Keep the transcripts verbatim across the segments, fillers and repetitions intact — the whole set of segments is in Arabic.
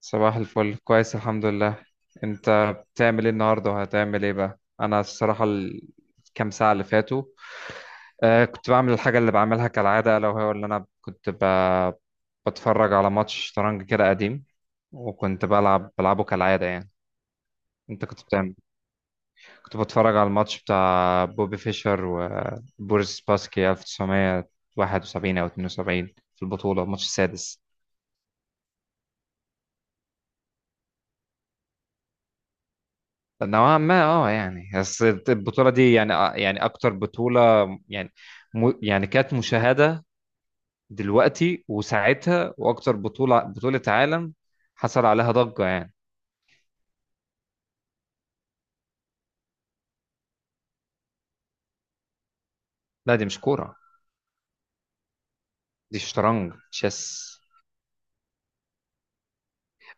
صباح الفل، كويس الحمد لله. انت بتعمل ايه النهارده وهتعمل ايه بقى؟ انا الصراحه الكام ساعه اللي فاتوا آه، كنت بعمل الحاجه اللي بعملها كالعاده، لو هو اللي انا كنت ب... بتفرج على ماتش شطرنج كده قديم. وكنت بلعب بلعبه كالعاده يعني. انت كنت بتعمل كنت بتفرج على الماتش بتاع بوبي فيشر وبوريس باسكي ألف وتسعمية واحد وسبعين او اتنين وسبعين، في البطوله الماتش السادس. نوعا ما اه يعني، بس البطولة دي يعني آه، يعني أكتر بطولة يعني م... يعني كانت مشاهدة دلوقتي وساعتها، وأكتر بطولة بطولة عالم حصل عليها ضجة يعني. لا، دي مش كورة، دي شطرنج تشيس.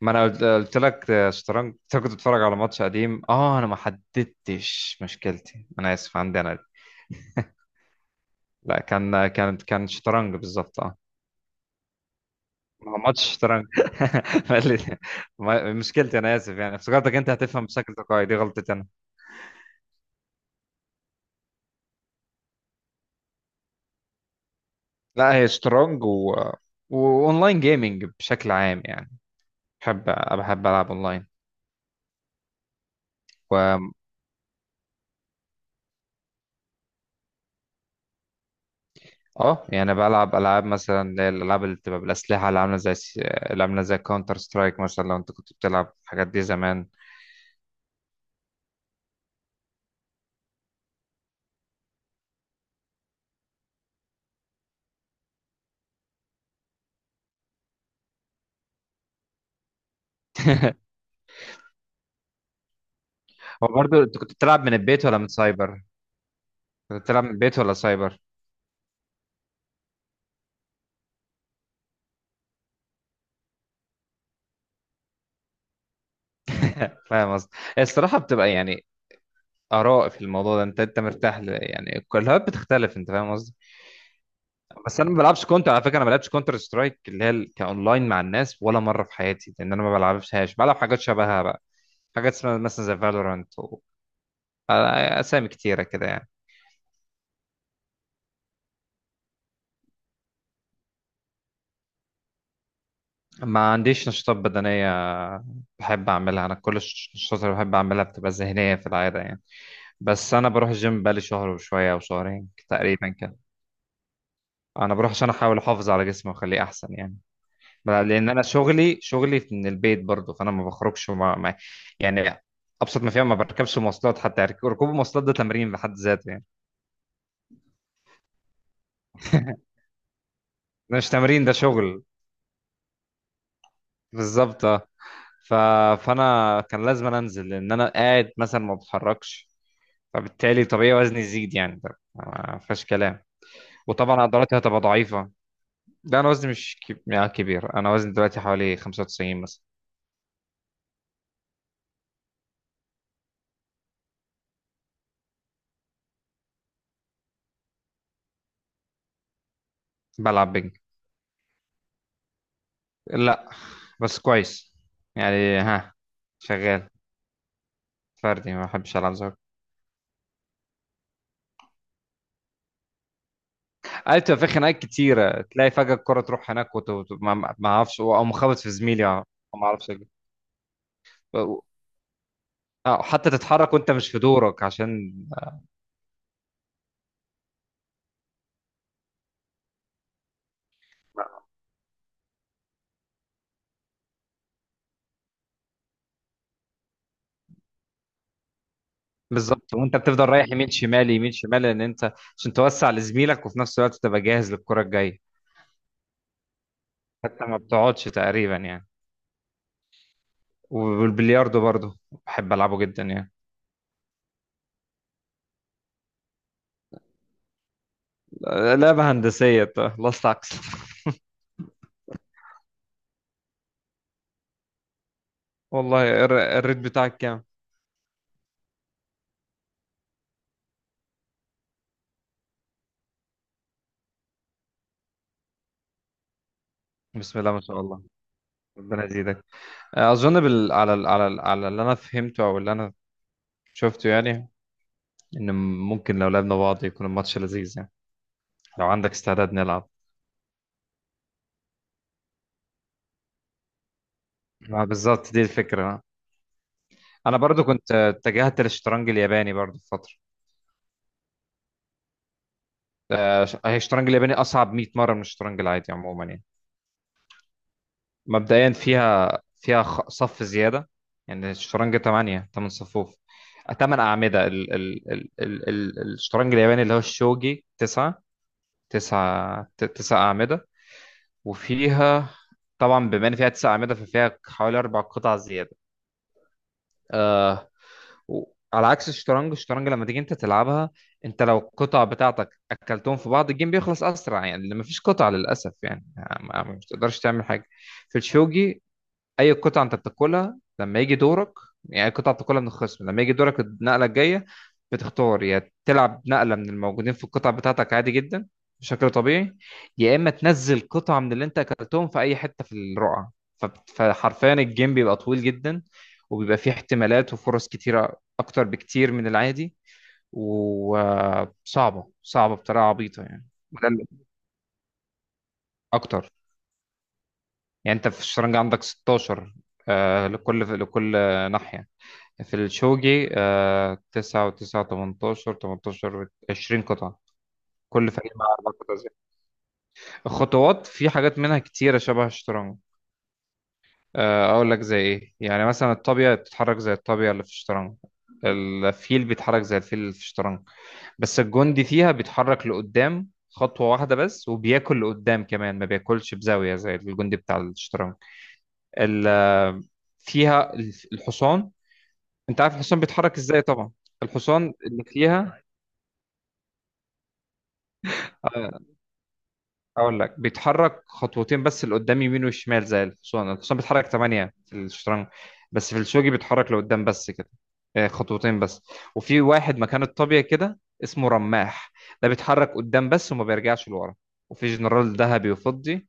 ما أنا قلت قلت لك آه، شطرنج. أنت كنت بتتفرج على ماتش قديم اه أنا ما حددتش. مشكلتي أنا آسف، عندي أنا دي. لا، كان كان كان شطرنج بالظبط اه. ما هو ماتش شطرنج. ما اللي- ما- مشكلتي انا اسف، يعني افتكرتك انت هتفهم بشكل تلقائي، دي غلطتي انا. لا، هي شطرنج و... واونلاين جيمنج بشكل عام يعني. بحب، بحب العب اونلاين و... اه يعني بلعب العاب مثلا، اللي هي الالعاب اللي بتبقى بالاسلحه اللي عامله زي الس- اللي عامله زي كاونتر سترايك مثلا، لو انت كنت بتلعب الحاجات دي زمان. هو برضه انت كنت بتلعب من البيت ولا من سايبر؟ كنت بتلعب من البيت ولا سايبر؟ فاهم قصدي؟ الصراحه بتبقى يعني اراء في الموضوع ده، انت انت مرتاح ل... يعني الكلهات بتختلف، انت فاهم قصدي. بس انا ما بلعبش كونتر، على فكره انا ما بلعبش كونتر سترايك اللي هي ال- كاونلاين مع الناس، ولا مره في حياتي لان انا ما بلعبهاش. بلعب حاجات شبهها بقى، حاجات اسمها مثلا زي فالورانت و... آه، اسامي كتيره كده يعني. ما عنديش نشاطات بدنيه بحب اعملها. انا كل الش- النشاطات اللي بحب اعملها بتبقى ذهنيه في العاده يعني. بس انا بروح الجيم بقالي شهر وشويه او شهرين تقريبا كده. انا بروح عشان احاول احافظ على جسمي واخليه احسن يعني. ما- لان انا شغلي شغلي من البيت برضو، فانا ما بخرجش مع... مع... يعني ابسط ما فيها ما بركبش مواصلات، حتى رك- ركوب المواصلات ده تمرين بحد ذاته يعني. ده مش تمرين، ده شغل. بالظبط اه. ف... فانا كان لازم أنا انزل، لان انا قاعد مثلا ما بتحركش، فبالتالي طبيعي وزني يزيد يعني، ده ما فيهاش كلام. وطبعا عضلاتي هتبقى ضعيفه. ده انا وزني مش كب... يعني كبير، انا وزني دلوقتي حوالي خمسة وتسعين مثلا. بلعب بينج. لا، بس كويس يعني، ها. شغال. فردي، ما بحبش العب زوجي. عارف، تبقى في خناقات كتيره، تلاقي فجاه الكره تروح هناك وت- وت- ما ما اعرفش، او مخبط في زميلي أو ما اعرفش أجيب. اه، حتى تتحرك وانت مش في دورك عشان. بالظبط، وانت بتفضل رايح يمين شمال يمين شمال، لان انت عشان توسع لزميلك وفي نفس الوقت تبقى جاهز للكره الجايه. حتى ما بتقعدش تقريبا يعني. والبلياردو برضه بحب العبه جدا يعني، لعبه هندسيه خلصت عكس. والله، الر- الريت بتاعك كام؟ بسم الله ما شاء الله، ربنا يزيدك. اظن بال... على ال... على ال... على اللي انا فهمته او اللي انا شفته يعني، ان ممكن لو لعبنا بعض يكون الماتش لذيذ يعني. لو عندك استعداد نلعب؟ ما بالظبط دي الفكره. انا برضو كنت آه، اتجهت للشطرنج الياباني برضو في فتره. آه، ش- هي الشطرنج الياباني اصعب مية مره من الشطرنج العادي عموما يعني. مبدئيا فيها فيها خ- صف زياده يعني. الشطرنج ثمانية ثمانية صفوف، ثمانية اعمده. ال... ال... ال... ال... ال- الشطرنج الياباني اللي هو الشوجي، تسعة تسعة تسع اعمده. وفيها طبعا بما ان فيها تسع اعمده، ففيها حوالي اربع قطع زياده. آه و- على عكس الشطرنج، الشطرنج لما تيجي انت تلعبها، انت لو القطع بتاعتك اكلتهم في بعض الجيم بيخلص اسرع يعني، ما فيش قطع للاسف يعني. ما ما- مش تقدرش تعمل حاجه. في الشوجي، اي قطعه انت بتاكلها لما يجي دورك يعني أي قطعه بتاكلها من الخصم لما يجي دورك النقله الجايه، بتختار يا تلعب نقله من الموجودين في القطع بتاعتك عادي جدا بشكل طبيعي، يا اما تنزل قطعه من اللي انت اكلتهم في اي حته في الرقعه. فب- فحرفيا الجيم بيبقى طويل جدا، وبيبقى فيه احتمالات وفرص كتيره اكتر بكتير من العادي، وصعبه صعبه صعبة بطريقه عبيطه يعني. وده اللي- اكتر. يعني انت في الشطرنج عندك ستة عشر آه، لكل لكل ناحيه. في الشوجي آه، تسعة وتسعة تمنتاشر، تمنتاشر عشرين قطعة، كل فريق مع أربع قطع زي. الخطوات في حاجات منها كتيرة شبه الشطرنج. آه، أقول لك زي إيه، يعني مثلا الطابية بتتحرك زي الطابية اللي في الشطرنج، الفيل بيتحرك زي الفيل اللي في الشطرنج. بس الجندي فيها بيتحرك لقدام خطوة واحدة بس، وبياكل لقدام كمان، ما بياكلش بزاوية زي الجندي بتاع الشطرنج. ال- آه، فيها الحصان. أنت عارف الحصان بيتحرك إزاي طبعا؟ الحصان اللي فيها آه، اقول لك بيتحرك خطوتين بس لقدام، يمين وشمال. زي الحصان الحصان بيتحرك ثمانية في الشطرنج، بس في الشوجي بيتحرك لقدام بس كده، آه، خطوتين بس. وفي واحد مكان الطابية كده اسمه رماح، ده بيتحرك قدام بس وما بيرجعش لورا. وفي جنرال ذهبي وفضي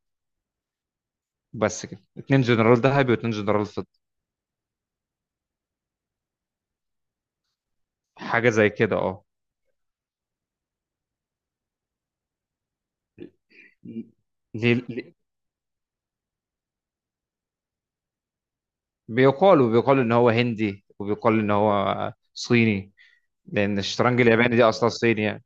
بس كده، اتنين جنرال ذهبي واتنين جنرال فضي. حاجة زي كده اه. ليه ليه- بيقال، وبيقال ان هو هندي وبيقال ان هو صيني، لان الشطرنج الياباني دي اصلا صيني يعني.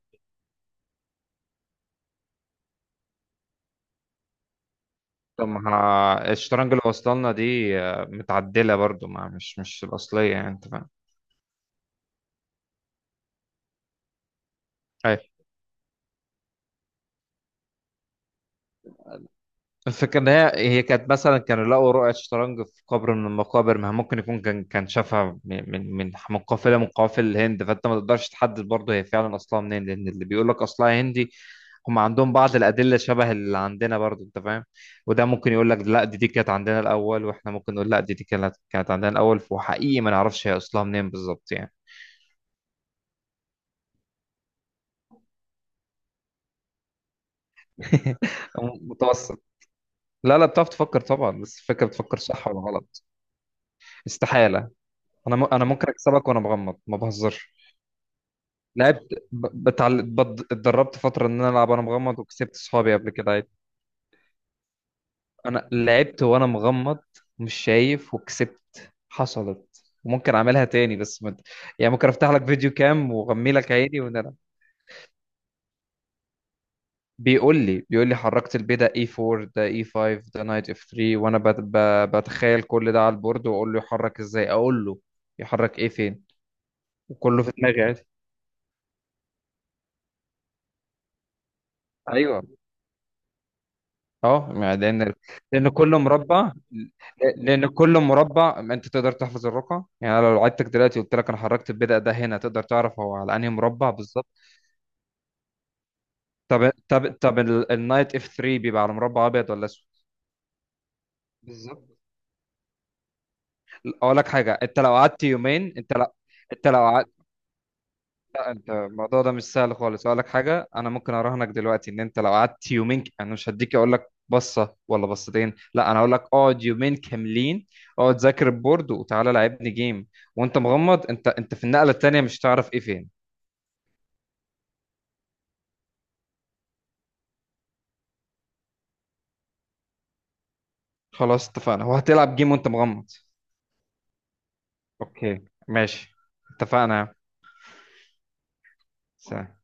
طب ما ها- الشطرنج اللي وصلنا دي آه، متعدلة برضو، ما مش مش الأصلية يعني، أنت فاهم. أيوة. الفكرة إن هي هي كانت، مثلا كانوا لقوا رقعة شطرنج في قبر من المقابر، ما ممكن يكون كان كان شافها من من من من قافلة من قوافل الهند. فأنت ما تقدرش تحدد برضه هي فعلا أصلها منين، لأن اللي بيقول لك أصلها هندي هم عندهم بعض الأدلة شبه اللي عندنا برضه، أنت فاهم. وده ممكن يقول لك لا، دي دي كانت عندنا الأول، وإحنا ممكن نقول لا، دي دي كانت كانت عندنا الأول. وحقيقي ما نعرفش هي أصلها منين بالظبط يعني. متوسط. لا لا، بتعرف تفكر طبعا، بس الفكره بتفكر صح ولا غلط. استحاله. انا م... انا ممكن اكسبك وانا مغمض، ما بهزرش. لعبت ب... بتعل... بد... اتدربت فتره ان انا العب وانا مغمض، وكسبت صحابي قبل كده عادي. انا لعبت وانا مغمض، مش شايف وكسبت حصلت، وممكن اعملها تاني بس مد... يعني ممكن افتح لك فيديو كام واغمي لك عيني ونلعب. بيقول لي بيقول لي حركت البيه ده إي فور، ده إي فايف، ده نايت اف ثري، وانا بت... ب... بتخيل كل ده على البورد، واقول له يحرك ازاي، اقول له يحرك ايه فين، وكله في دماغي عادي. ايوه، اه. ما لان لان كل مربع لان كل مربع انت تقدر تحفظ الرقم. يعني أنا لو عدتك دلوقتي قلت لك انا حركت البدأ ده هنا، تقدر تعرف هو على انهي مربع بالظبط. طب طب طب، النايت اف ثري بيبقى على مربع ابيض ولا اسود؟ بالظبط. اقول لك حاجه، انت لو قعدت يومين انت لو انت لو انت الموضوع ده مش سهل خالص. اقول لك حاجه، انا ممكن اراهنك دلوقتي ان انت لو قعدت يومين ك- انا مش هديك، اقول لك بصه ولا بصتين. لا انا هقول لك اقعد يومين كاملين، اقعد ذاكر البورد وتعالى لعبني جيم وانت مغمض. انت انت في النقله التانيه مش هتعرف ايه فين. خلاص، اتفقنا وهتلعب جيم وانت مغمض. اوكي، ماشي، اتفقنا. سلام.